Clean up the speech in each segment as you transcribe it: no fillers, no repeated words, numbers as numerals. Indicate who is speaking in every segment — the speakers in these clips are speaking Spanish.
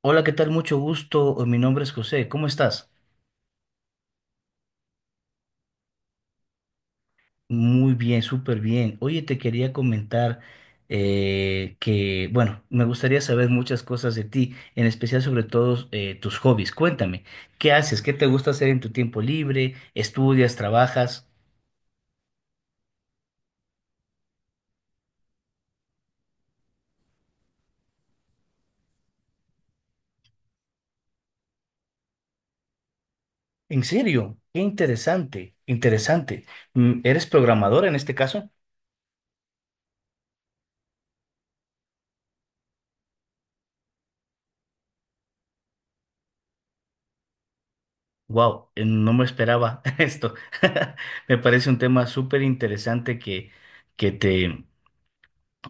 Speaker 1: Hola, ¿qué tal? Mucho gusto. Mi nombre es José. ¿Cómo estás? Muy bien, súper bien. Oye, te quería comentar que, bueno, me gustaría saber muchas cosas de ti, en especial sobre todo tus hobbies. Cuéntame, ¿qué haces? ¿Qué te gusta hacer en tu tiempo libre? ¿Estudias? ¿Trabajas? En serio, qué interesante, interesante. ¿Eres programadora en este caso? Wow, no me esperaba esto. Me parece un tema súper interesante que, que te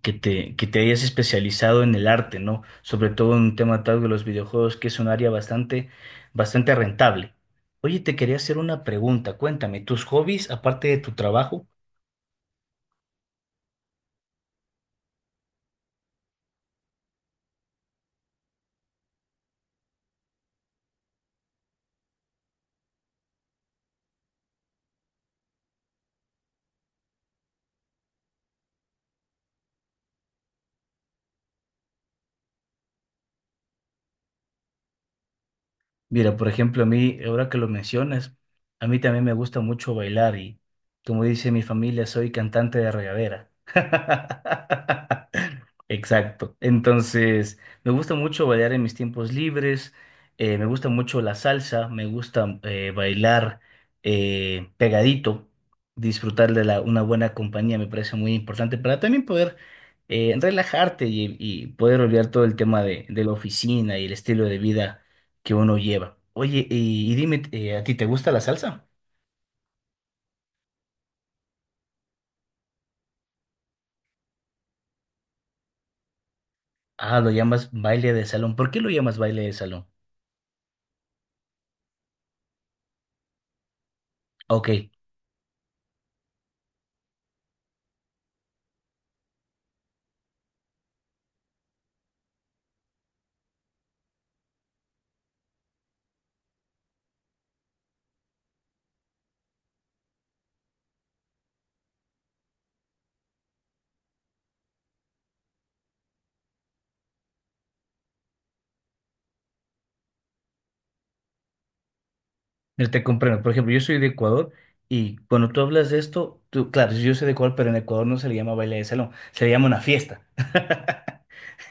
Speaker 1: que te hayas especializado en el arte, ¿no? Sobre todo en un tema tal de los videojuegos, que es un área bastante rentable. Oye, te quería hacer una pregunta. Cuéntame, ¿tus hobbies, aparte de tu trabajo? Mira, por ejemplo, a mí, ahora que lo mencionas, a mí también me gusta mucho bailar y, como dice mi familia, soy cantante de regadera. Exacto. Entonces, me gusta mucho bailar en mis tiempos libres, me gusta mucho la salsa, me gusta bailar pegadito, disfrutar de una buena compañía. Me parece muy importante para también poder relajarte y poder olvidar todo el tema de la oficina y el estilo de vida que uno lleva. Oye, y dime, ¿a ti te gusta la salsa? Ah, lo llamas baile de salón. ¿Por qué lo llamas baile de salón? Ok, mira, te comprendo. Por ejemplo, yo soy de Ecuador y cuando tú hablas de esto, tú, claro, yo soy de Ecuador, pero en Ecuador no se le llama baile de salón, se le llama una fiesta.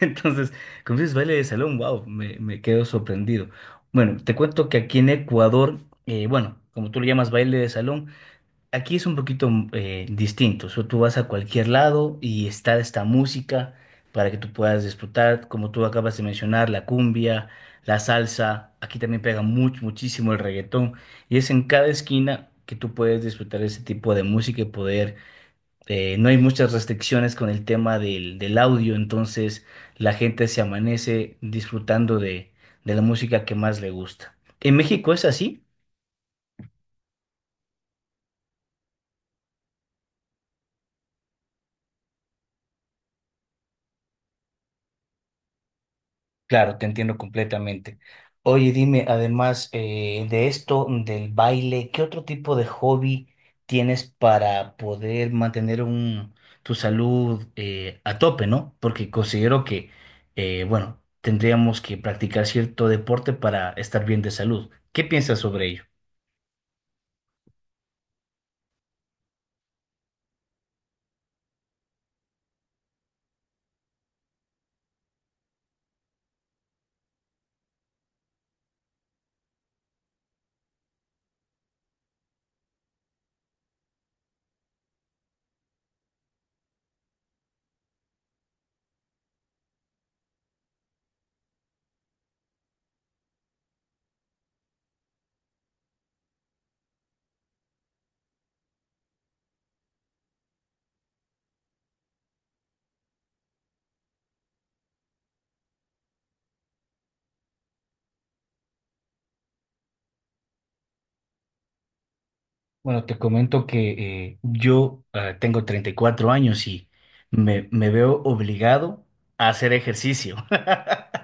Speaker 1: Entonces, cuando dices baile de salón, wow, me quedo sorprendido. Bueno, te cuento que aquí en Ecuador, bueno, como tú lo llamas baile de salón, aquí es un poquito distinto. O sea, tú vas a cualquier lado y está esta música para que tú puedas disfrutar, como tú acabas de mencionar, la cumbia, la salsa. Aquí también pega mucho, muchísimo el reggaetón. Y es en cada esquina que tú puedes disfrutar ese tipo de música y poder. No hay muchas restricciones con el tema del audio, entonces la gente se amanece disfrutando de la música que más le gusta. ¿En México es así? Claro, te entiendo completamente. Oye, dime, además de esto, del baile, ¿qué otro tipo de hobby tienes para poder mantener tu salud a tope, ¿no? Porque considero que, bueno, tendríamos que practicar cierto deporte para estar bien de salud. ¿Qué piensas sobre ello? Bueno, te comento que yo tengo 34 años y me veo obligado a hacer ejercicio.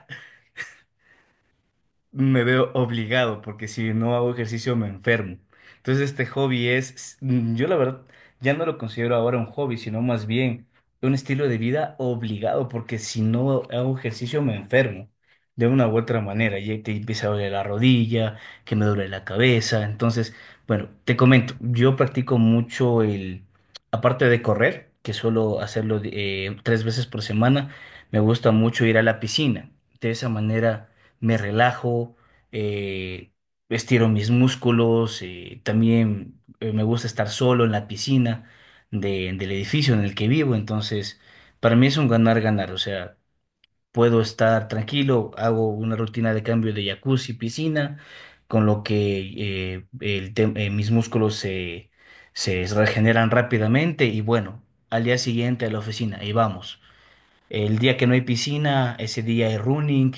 Speaker 1: Me veo obligado porque si no hago ejercicio me enfermo. Entonces este hobby es, yo la verdad ya no lo considero ahora un hobby, sino más bien un estilo de vida obligado porque si no hago ejercicio me enfermo de una u otra manera y te empieza a doler la rodilla, que me duele la cabeza. Entonces, bueno, te comento, yo practico mucho aparte de correr, que suelo hacerlo 3 veces por semana, me gusta mucho ir a la piscina. De esa manera me relajo, eh, estiro mis músculos, también me gusta estar solo en la piscina del edificio en el que vivo, entonces para mí es un ganar-ganar, o sea, puedo estar tranquilo, hago una rutina de cambio de jacuzzi, piscina, con lo que mis músculos se regeneran rápidamente y bueno, al día siguiente a la oficina y vamos. El día que no hay piscina, ese día hay running.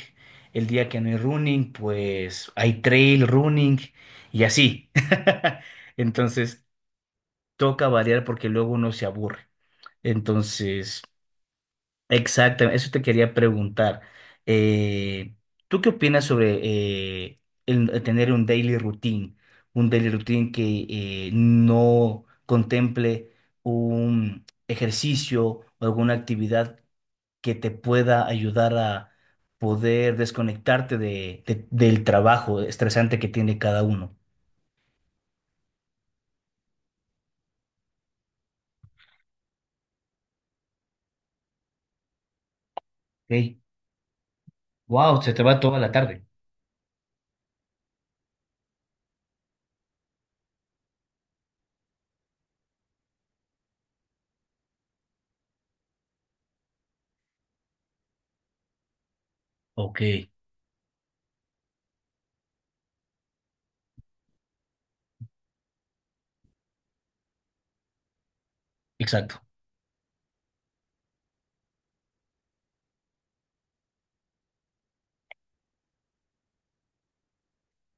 Speaker 1: El día que no hay running, pues hay trail running y así. Entonces, toca variar porque luego uno se aburre. Entonces, exactamente, eso te quería preguntar. Eh, ¿Tú qué opinas sobre eh, el tener un daily routine? Un daily routine que no contemple un ejercicio o alguna actividad que te pueda ayudar a poder desconectarte del trabajo estresante que tiene cada uno. ¿Ok? Wow, se te va toda la tarde. Ok, exacto.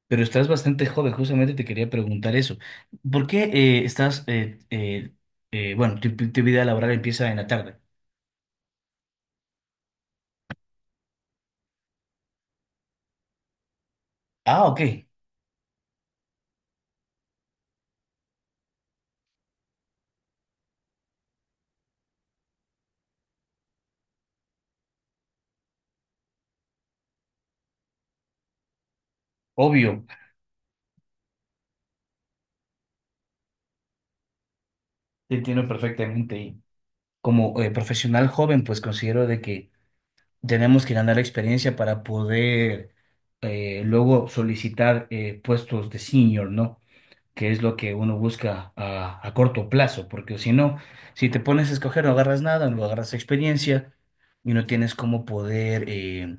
Speaker 1: Pero estás bastante joven, justamente te quería preguntar eso. ¿Por qué bueno, tu vida laboral empieza en la tarde? Ah, ok, obvio, te entiendo perfectamente. Y como profesional joven, pues considero de que tenemos que ganar experiencia para poder luego solicitar puestos de senior, ¿no? Que es lo que uno busca a corto plazo, porque si no, si te pones a escoger, no agarras nada, no agarras experiencia y no tienes cómo poder eh,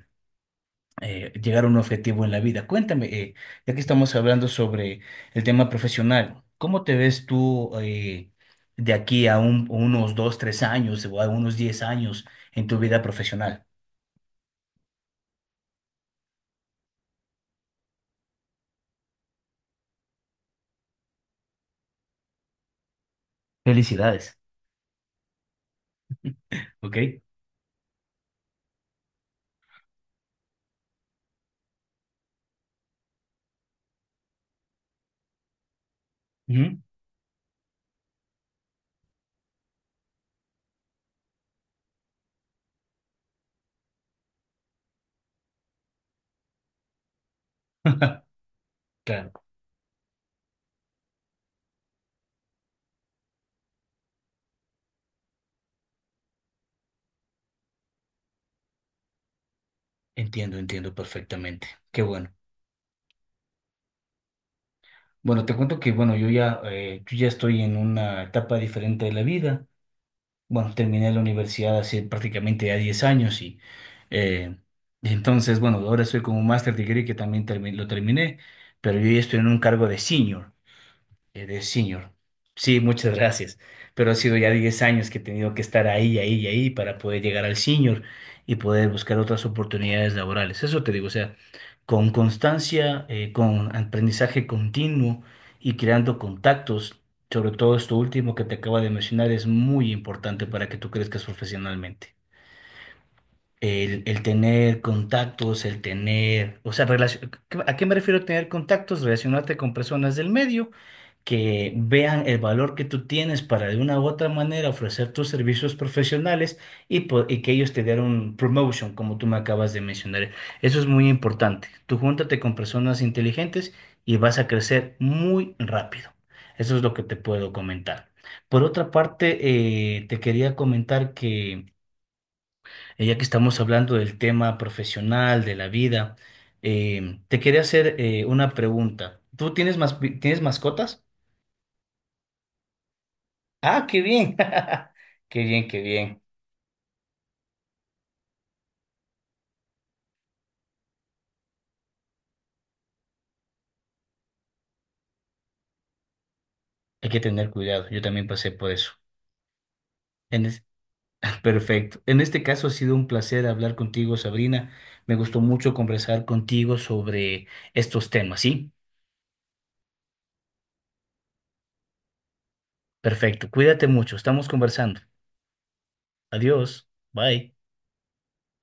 Speaker 1: eh, llegar a un objetivo en la vida. Cuéntame, ya que estamos hablando sobre el tema profesional, ¿cómo te ves tú de aquí a unos 2, 3 años o a unos 10 años en tu vida profesional? Felicidades. Ok. Ujú. Claro, entiendo, entiendo perfectamente. Qué bueno. Bueno, te cuento que, bueno, yo ya, yo ya estoy en una etapa diferente de la vida. Bueno, terminé la universidad hace prácticamente ya 10 años y eh, entonces, bueno, ahora estoy con un master degree que también lo terminé, pero yo ya estoy en un cargo de senior. eh, de senior. Sí, muchas gracias. Pero ha sido ya 10 años que he tenido que estar ahí, ahí y ahí para poder llegar al senior y poder buscar otras oportunidades laborales. Eso te digo, o sea, con constancia, con aprendizaje continuo y creando contactos, sobre todo esto último que te acabo de mencionar, es muy importante para que tú crezcas profesionalmente. El tener contactos, el tener, o sea, ¿a qué me refiero tener contactos? Relacionarte con personas del medio que vean el valor que tú tienes para de una u otra manera ofrecer tus servicios profesionales y que ellos te den un promotion, como tú me acabas de mencionar. Eso es muy importante. Tú júntate con personas inteligentes y vas a crecer muy rápido. Eso es lo que te puedo comentar. Por otra parte, te quería comentar que ya que estamos hablando del tema profesional, de la vida, te quería hacer una pregunta. ¿Tú tienes tienes mascotas? Ah, qué bien. Qué bien, qué bien. Hay que tener cuidado. Yo también pasé por eso. En es- Perfecto. En este caso ha sido un placer hablar contigo, Sabrina. Me gustó mucho conversar contigo sobre estos temas, ¿sí? Perfecto. Cuídate mucho. Estamos conversando. Adiós. Bye.